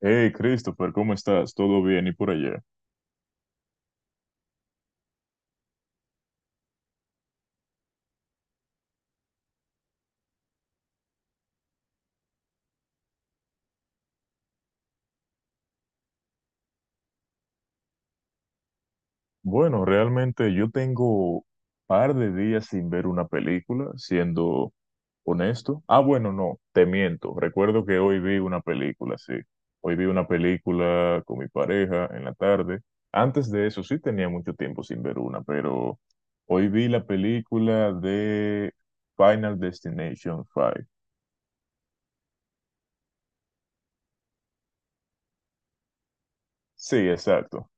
Hey, Christopher, ¿cómo estás? ¿Todo bien? ¿Y por allá? Bueno, realmente yo tengo par de días sin ver una película, siendo honesto. Ah, bueno, no, te miento. Recuerdo que hoy vi una película, sí. Hoy vi una película con mi pareja en la tarde. Antes de eso sí tenía mucho tiempo sin ver una, pero hoy vi la película de Final Destination 5. Sí, exacto.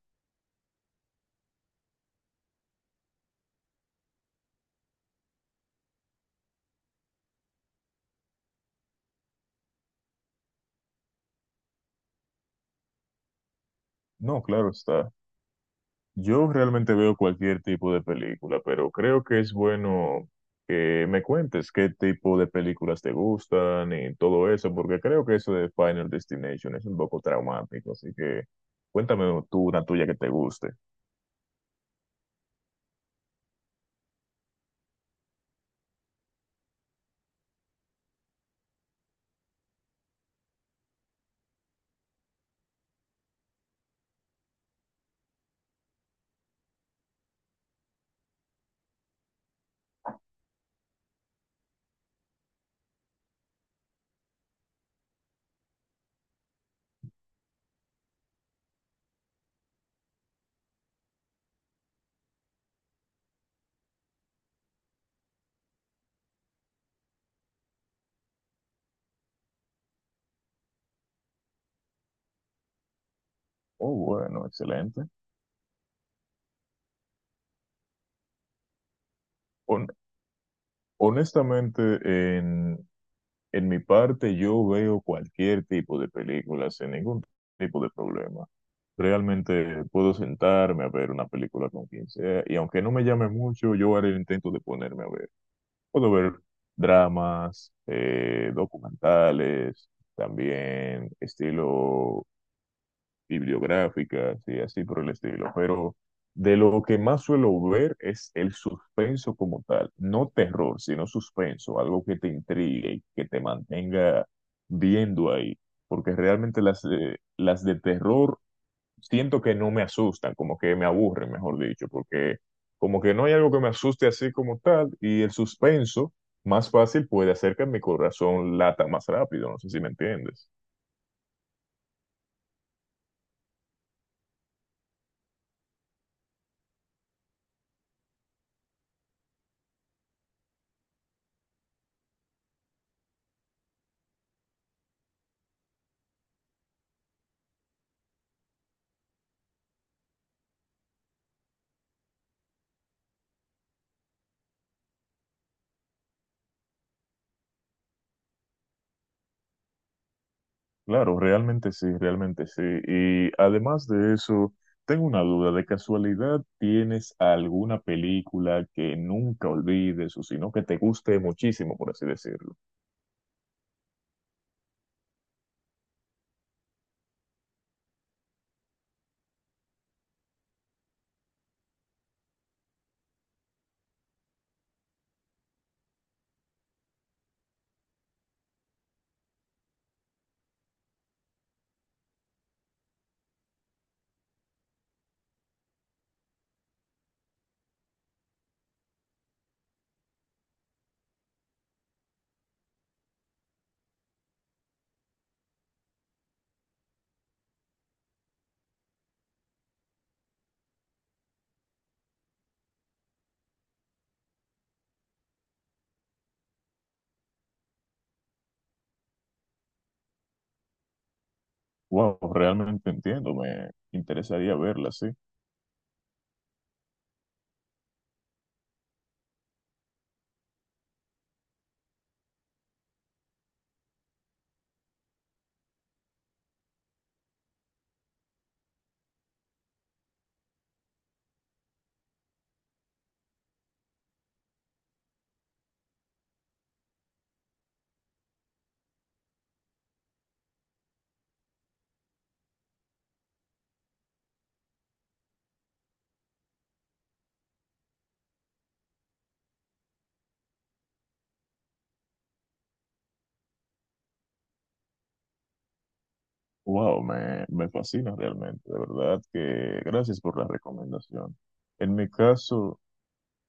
No, claro está. Yo realmente veo cualquier tipo de película, pero creo que es bueno que me cuentes qué tipo de películas te gustan y todo eso, porque creo que eso de Final Destination es un poco traumático, así que cuéntame tú una tuya que te guste. Oh, bueno, excelente. Hon- Honestamente, en mi parte, yo veo cualquier tipo de película sin ningún tipo de problema. Realmente puedo sentarme a ver una película con quien sea y aunque no me llame mucho, yo haré el intento de ponerme a ver. Puedo ver dramas, documentales, también estilo bibliográficas y así por el estilo, pero de lo que más suelo ver es el suspenso como tal, no terror, sino suspenso, algo que te intrigue y que te mantenga viendo ahí, porque realmente las de terror siento que no me asustan, como que me aburren, mejor dicho, porque como que no hay algo que me asuste así como tal y el suspenso más fácil puede hacer que mi corazón lata más rápido, no sé si me entiendes. Claro, realmente sí, realmente sí. Y además de eso, tengo una duda, ¿de casualidad tienes alguna película que nunca olvides o sino que te guste muchísimo, por así decirlo? Wow, realmente entiendo, me interesaría verla, sí. Wow, me fascina realmente, de verdad que gracias por la recomendación. En mi caso,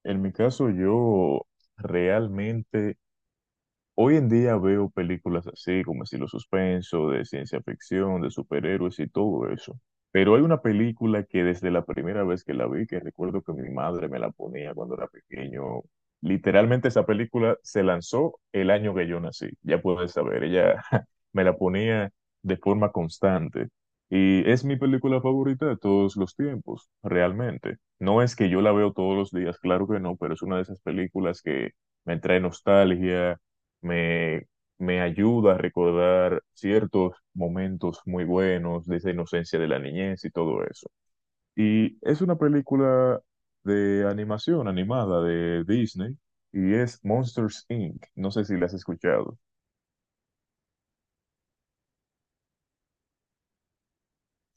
en mi caso yo realmente hoy en día veo películas así como estilo suspenso, de ciencia ficción, de superhéroes y todo eso. Pero hay una película que desde la primera vez que la vi, que recuerdo que mi madre me la ponía cuando era pequeño. Literalmente esa película se lanzó el año que yo nací. Ya puedes saber, ella me la ponía de forma constante. Y es mi película favorita de todos los tiempos, realmente. No es que yo la veo todos los días, claro que no, pero es una de esas películas que me trae nostalgia me, me ayuda a recordar ciertos momentos muy buenos de esa inocencia de la niñez y todo eso. Y es una película de animación animada de Disney y es Monsters Inc. No sé si la has escuchado.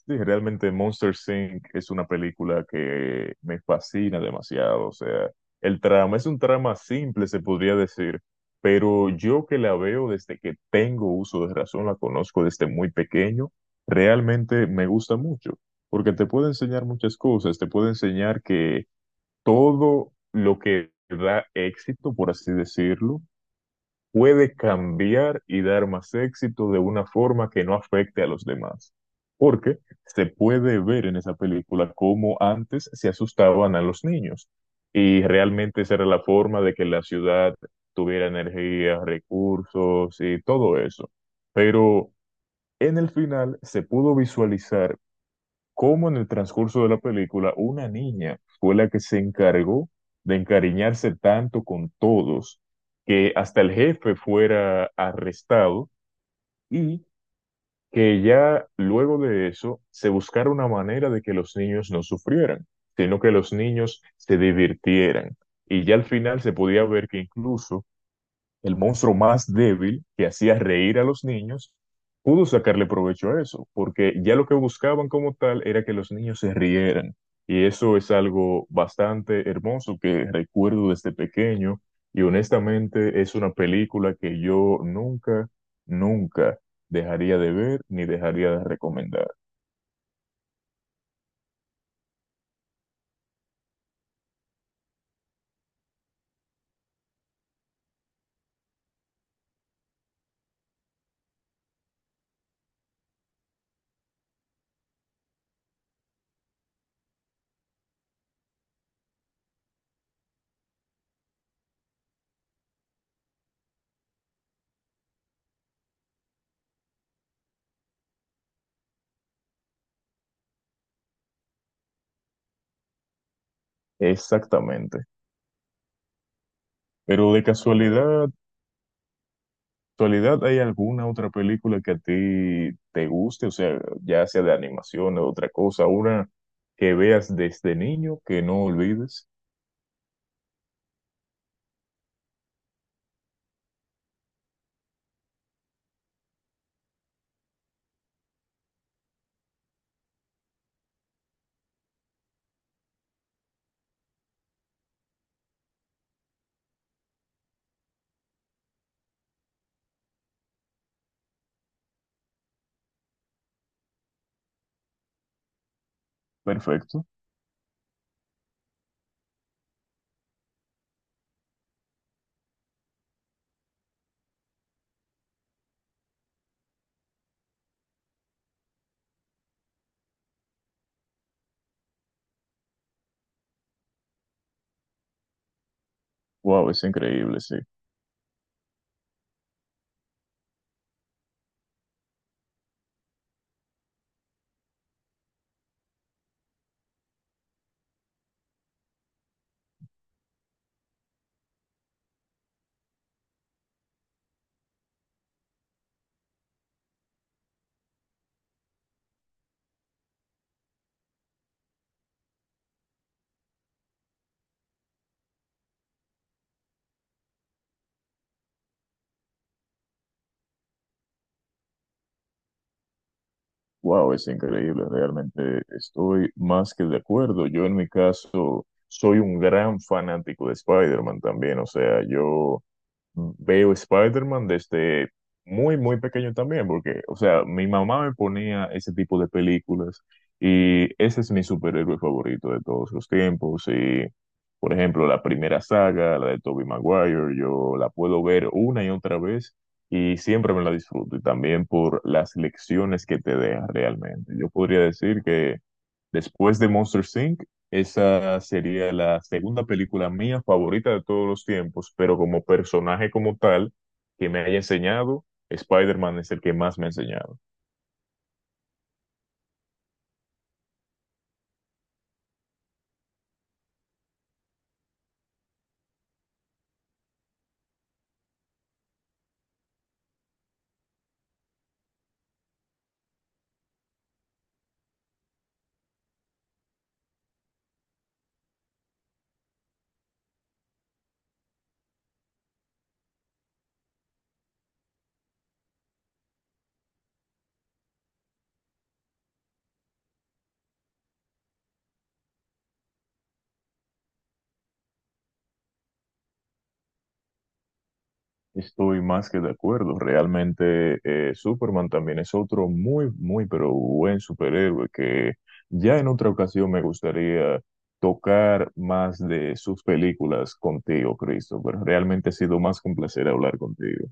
Sí, realmente Monster Inc. es una película que me fascina demasiado. O sea, el trama es un trama simple, se podría decir, pero yo que la veo desde que tengo uso de razón, la conozco desde muy pequeño, realmente me gusta mucho, porque te puede enseñar muchas cosas, te puede enseñar que todo lo que da éxito, por así decirlo, puede cambiar y dar más éxito de una forma que no afecte a los demás. Porque se puede ver en esa película cómo antes se asustaban a los niños y realmente esa era la forma de que la ciudad tuviera energía, recursos y todo eso. Pero en el final se pudo visualizar cómo en el transcurso de la película una niña fue la que se encargó de encariñarse tanto con todos, que hasta el jefe fuera arrestado y que ya luego de eso se buscara una manera de que los niños no sufrieran, sino que los niños se divirtieran. Y ya al final se podía ver que incluso el monstruo más débil que hacía reír a los niños, pudo sacarle provecho a eso, porque ya lo que buscaban como tal era que los niños se rieran. Y eso es algo bastante hermoso que recuerdo desde pequeño y honestamente es una película que yo nunca, nunca dejaría de ver ni dejaría de recomendar. Exactamente. Pero de casualidad, ¿actualidad hay alguna otra película que a ti te guste? O sea, ya sea de animación o otra cosa, una que veas desde niño que no olvides. Perfecto. Wow, es increíble, sí. Wow, es increíble. Realmente estoy más que de acuerdo. Yo en mi caso soy un gran fanático de Spider-Man también. O sea, veo Spider-Man desde muy, muy pequeño también, porque, o sea, mi mamá me ponía ese tipo de películas y ese es mi superhéroe favorito de todos los tiempos. Y, por ejemplo, la primera saga, la de Tobey Maguire, yo la puedo ver una y otra vez y siempre me la disfruto. Y también por las lecciones que te deja realmente. Yo podría decir que después de Monster Inc., esa sería la segunda película mía favorita de todos los tiempos, pero como personaje como tal que me haya enseñado, Spider-Man es el que más me ha enseñado. Estoy más que de acuerdo. Realmente Superman también es otro muy, muy, pero buen superhéroe que ya en otra ocasión me gustaría tocar más de sus películas contigo, Cristo, pero realmente ha sido más que un placer hablar contigo.